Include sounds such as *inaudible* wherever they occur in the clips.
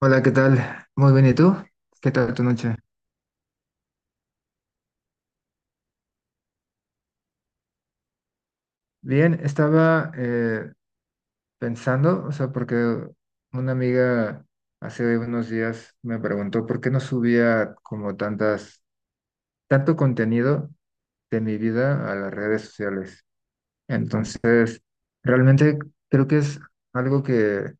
Hola, ¿qué tal? Muy bien, ¿y tú? ¿Qué tal tu noche? Bien, estaba pensando, o sea, porque una amiga hace unos días me preguntó por qué no subía como tantas, tanto contenido de mi vida a las redes sociales. Entonces, realmente creo que es algo que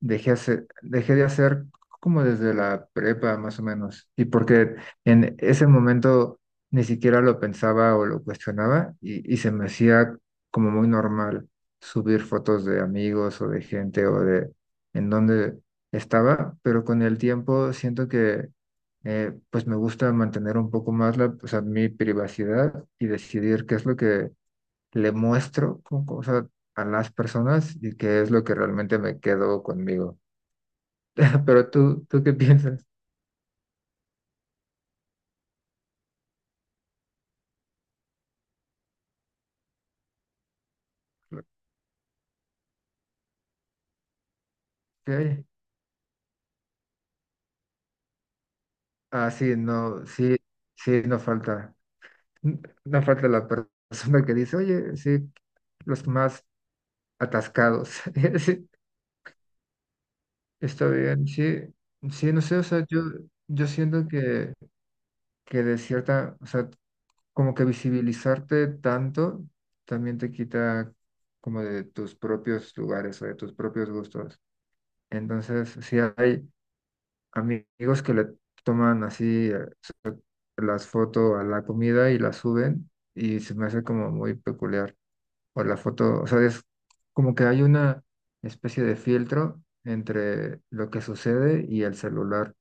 dejé de hacer como desde la prepa más o menos, y porque en ese momento ni siquiera lo pensaba o lo cuestionaba y se me hacía como muy normal subir fotos de amigos o de gente o de en donde estaba, pero con el tiempo siento que pues me gusta mantener un poco más o sea, mi privacidad y decidir qué es lo que le muestro con, o sea, a las personas y qué es lo que realmente me quedo conmigo. *laughs* Pero ¿tú qué piensas? ¿Qué? Ah, sí, no, sí, sí, no falta, n- no falta la persona que dice, oye, sí, los más atascados. *laughs* Sí, está bien, sí, sí, no sé, yo siento que de cierta, o sea, como que visibilizarte tanto también te quita como de tus propios lugares o de tus propios gustos. Entonces, sí hay amigos que le toman así. Las foto a la comida y las suben y se me hace como muy peculiar. O la foto, o sea, es como que hay una especie de filtro entre lo que sucede y el celular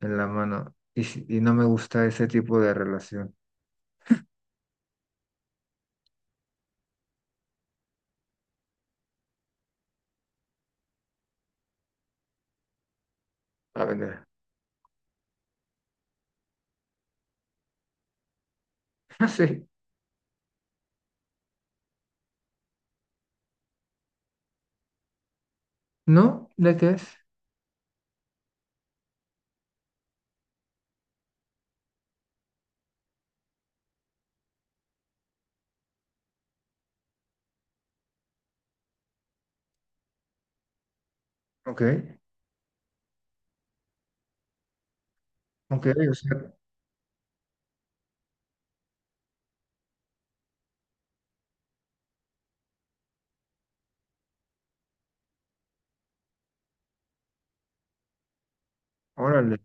en la mano. Y no me gusta ese tipo de relación. A ver, *laughs* no. ¿No? ¿De qué es? Ok, ok, o sea, órale.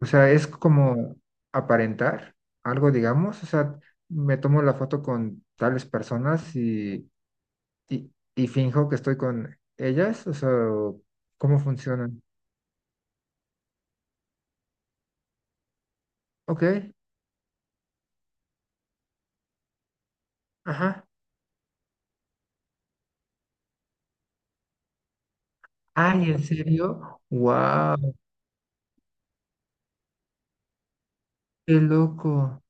O sea, es como aparentar algo, digamos. O sea, me tomo la foto con tales personas y finjo que estoy con ellas, o sea, o ¿cómo funcionan? Ok, ajá. Ay, ¿en serio? ¡Wow! ¡Qué loco!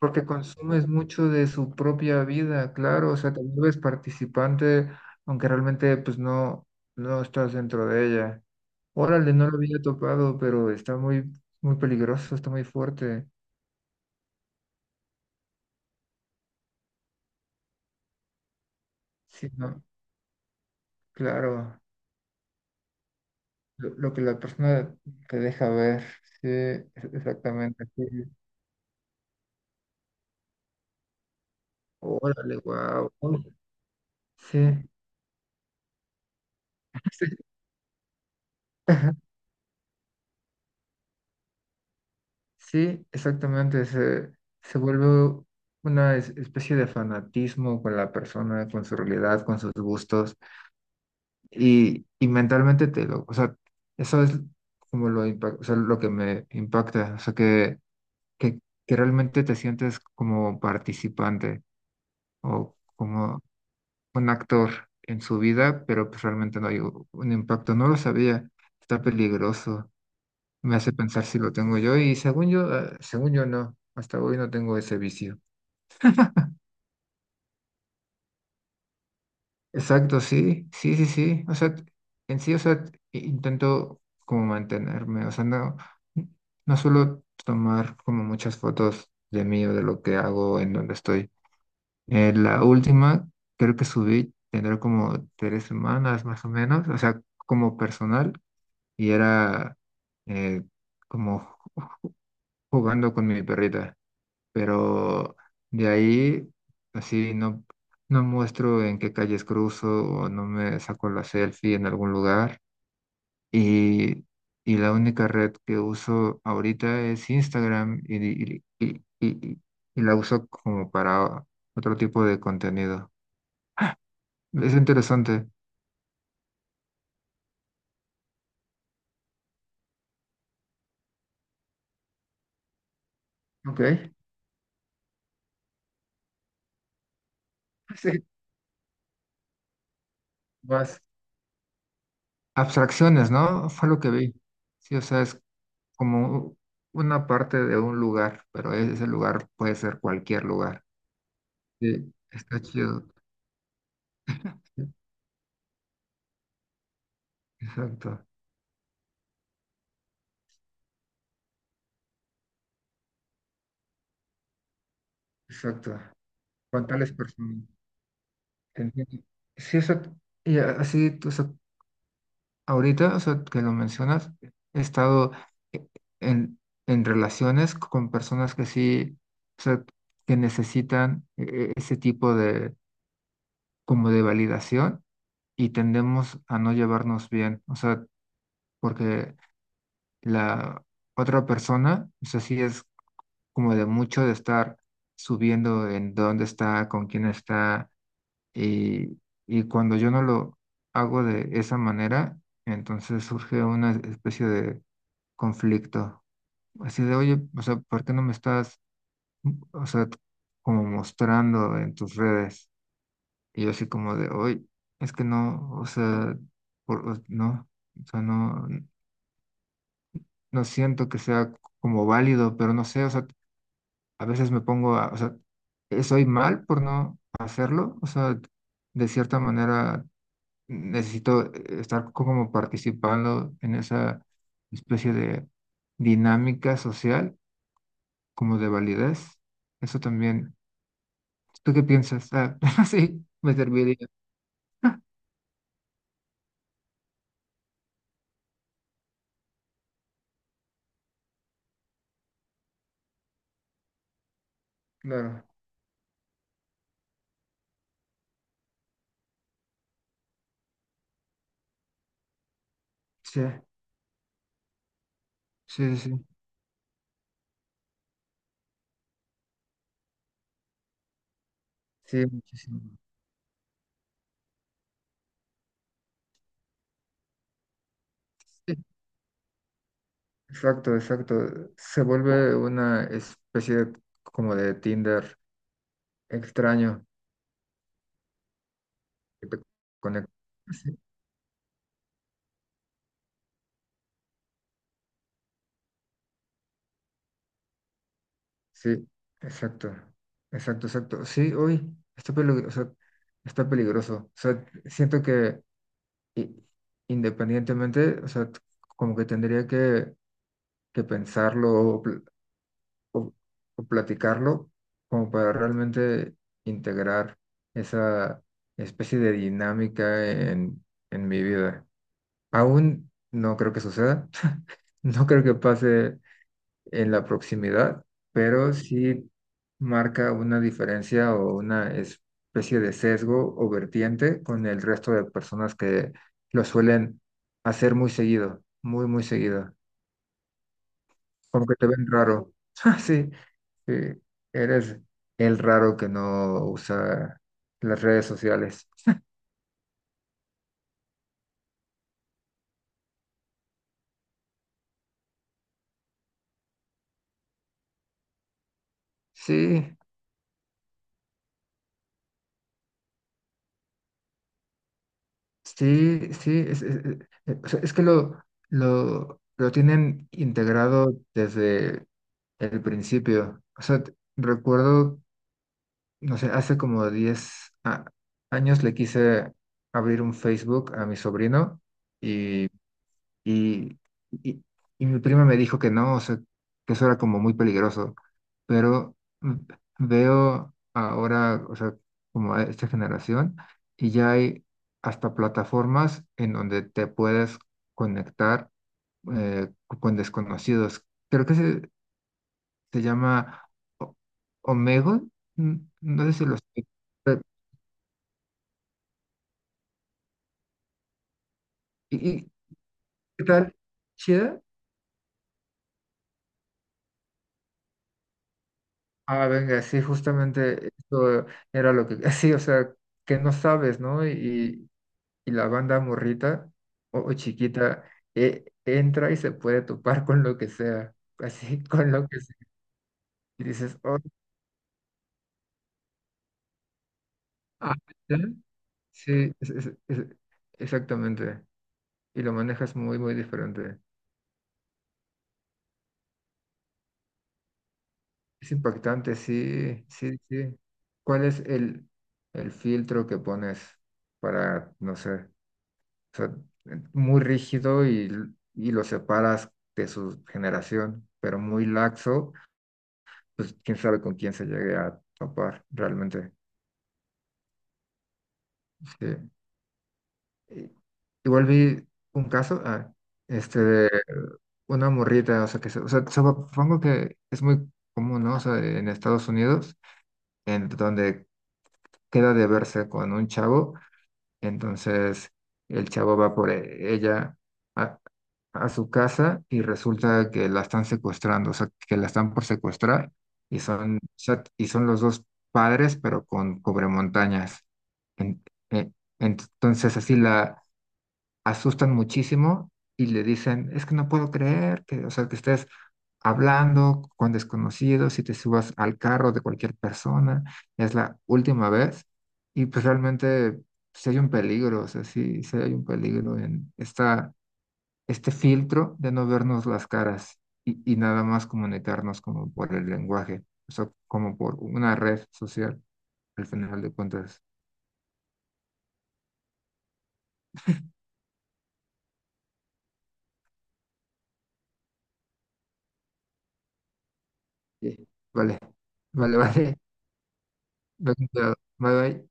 Porque consumes mucho de su propia vida, claro, o sea, te vuelves participante, aunque realmente pues no, no estás dentro de ella. Órale, no lo había topado, pero está muy, muy peligroso, está muy fuerte. Sí, no, claro, lo que la persona te deja ver, sí, exactamente, sí. Órale, wow. Sí, *laughs* ajá, sí, exactamente. Se vuelve una especie de fanatismo con la persona, con su realidad, con sus gustos. Y mentalmente te lo, o sea, eso es como lo, o sea, lo que me impacta. O sea, que, que realmente te sientes como participante o como un actor en su vida, pero pues realmente no hay un impacto. No lo sabía. Está peligroso. Me hace pensar si lo tengo yo y según yo no, hasta hoy no tengo ese vicio. Exacto, sí, sí, sí, sí. O sea, en sí, o sea, intento como mantenerme, o sea, no, no suelo tomar como muchas fotos de mí o de lo que hago, en donde estoy. La última, creo que subí, tendrá como tres semanas más o menos, o sea, como personal y era eh, como jugando con mi perrita. Pero de ahí así no, no muestro en qué calles cruzo o no me saco la selfie en algún lugar. Y, y la única red que uso ahorita es Instagram y- y- y la uso como para otro tipo de contenido. Es interesante. Ok. *laughs* Sí, más abstracciones, ¿no? Fue lo que vi. Sí, o sea, es como una parte de un lugar, pero ese lugar puede ser cualquier lugar. Sí, está chido. Sí, exacto, exacto. Con tales personas. Te entiendo. Sí, o sea, y así, o sea, ahorita, o sea, que lo mencionas, he estado e- en, en relaciones con personas que sí, o sea, que necesitan ese tipo de, como de validación y tendemos a no llevarnos bien, o sea, porque la otra persona, o sea, sí es como de mucho de estar subiendo en dónde está, con quién está, y, y cuando yo no lo hago de esa manera, entonces surge una especie de conflicto, así de, oye, o sea, ¿por qué no me estás, o sea, como mostrando en tus redes? Y yo así como de, oye, es que no, o sea, no, o sea, no, no siento que sea como válido, pero no sé, o sea, a veces me pongo a, o sea, soy mal por no hacerlo, o sea, de cierta manera necesito estar como participando en esa especie de dinámica social, como de validez. Eso también. ¿Tú qué piensas? Ah, *laughs* sí, me serviría. *laughs* Claro, sí, sí, sí, sí, muchísimo. Sí, exacto, exacto. Se vuelve una especie como de Tinder extraño. Que te conecta. Sí, sí, exacto, exacto, exacto. Sí, hoy está peligroso, está peligroso. O sea, siento que i- independientemente, o sea, como que tendría que pensarlo o- o platicarlo como para realmente integrar esa especie de dinámica en mi vida. Aún no creo que suceda, *laughs* no creo que pase en la proximidad, pero sí marca una diferencia o una especie de sesgo o vertiente con el resto de personas que lo suelen hacer muy seguido, muy, muy seguido. Como que te ven raro. *laughs* Ah, sí, sí, eres el raro que no usa las redes sociales. Sí, sí, sí, o sea, es que lo tienen integrado desde el principio. O sea, recuerdo, no sé, hace como 10 a- años le quise abrir un Facebook a mi sobrino y y, y, y mi prima me dijo que no, o sea, que eso era como muy peligroso, pero v- veo ahora, o sea, como a esta generación, y ya hay hasta plataformas en donde te puedes conectar con desconocidos. Creo que se llama O- Omegle, no sé si lo sé. Y qué tal? ¿Chida? Ah, venga, sí, justamente eso era lo que, *laughs* sí, o sea, que no sabes, ¿no? Y la banda morrita o chiquita entra y se puede topar con lo que sea, así, *laughs* con lo que sea. Y dices, oh, ah, ¿ya? Sí, exactamente. Y lo manejas muy, muy diferente. Es impactante, sí, sí, sí. ¿Cuál es el filtro que pones para, no sé? O sea, muy rígido y lo separas de su generación, pero muy laxo, pues quién sabe con quién se llegue a topar realmente. Sí. Y- Igual vi un caso, ah, este, de una morrita, o sea, o sea, supongo que es muy común, ¿no? O sea, en Estados Unidos, en donde queda de verse con un chavo. Entonces el chavo va por ella a, a su casa y resulta que la están secuestrando, o sea, que la están por secuestrar y son, o sea, y son los dos padres, pero con cobremontañas. En- en- entonces así la asustan muchísimo y le dicen, es que no puedo creer que, o sea, que estés hablando con desconocidos y te subas al carro de cualquier persona, es la última vez. Y pues realmente sí hay un peligro, o sea, sí, sí hay un peligro en este filtro de no vernos las caras y nada más comunicarnos como por el lenguaje, o sea, como por una red social, al final de cuentas. Sí. Vale, vale. *laughs* Bye, bye.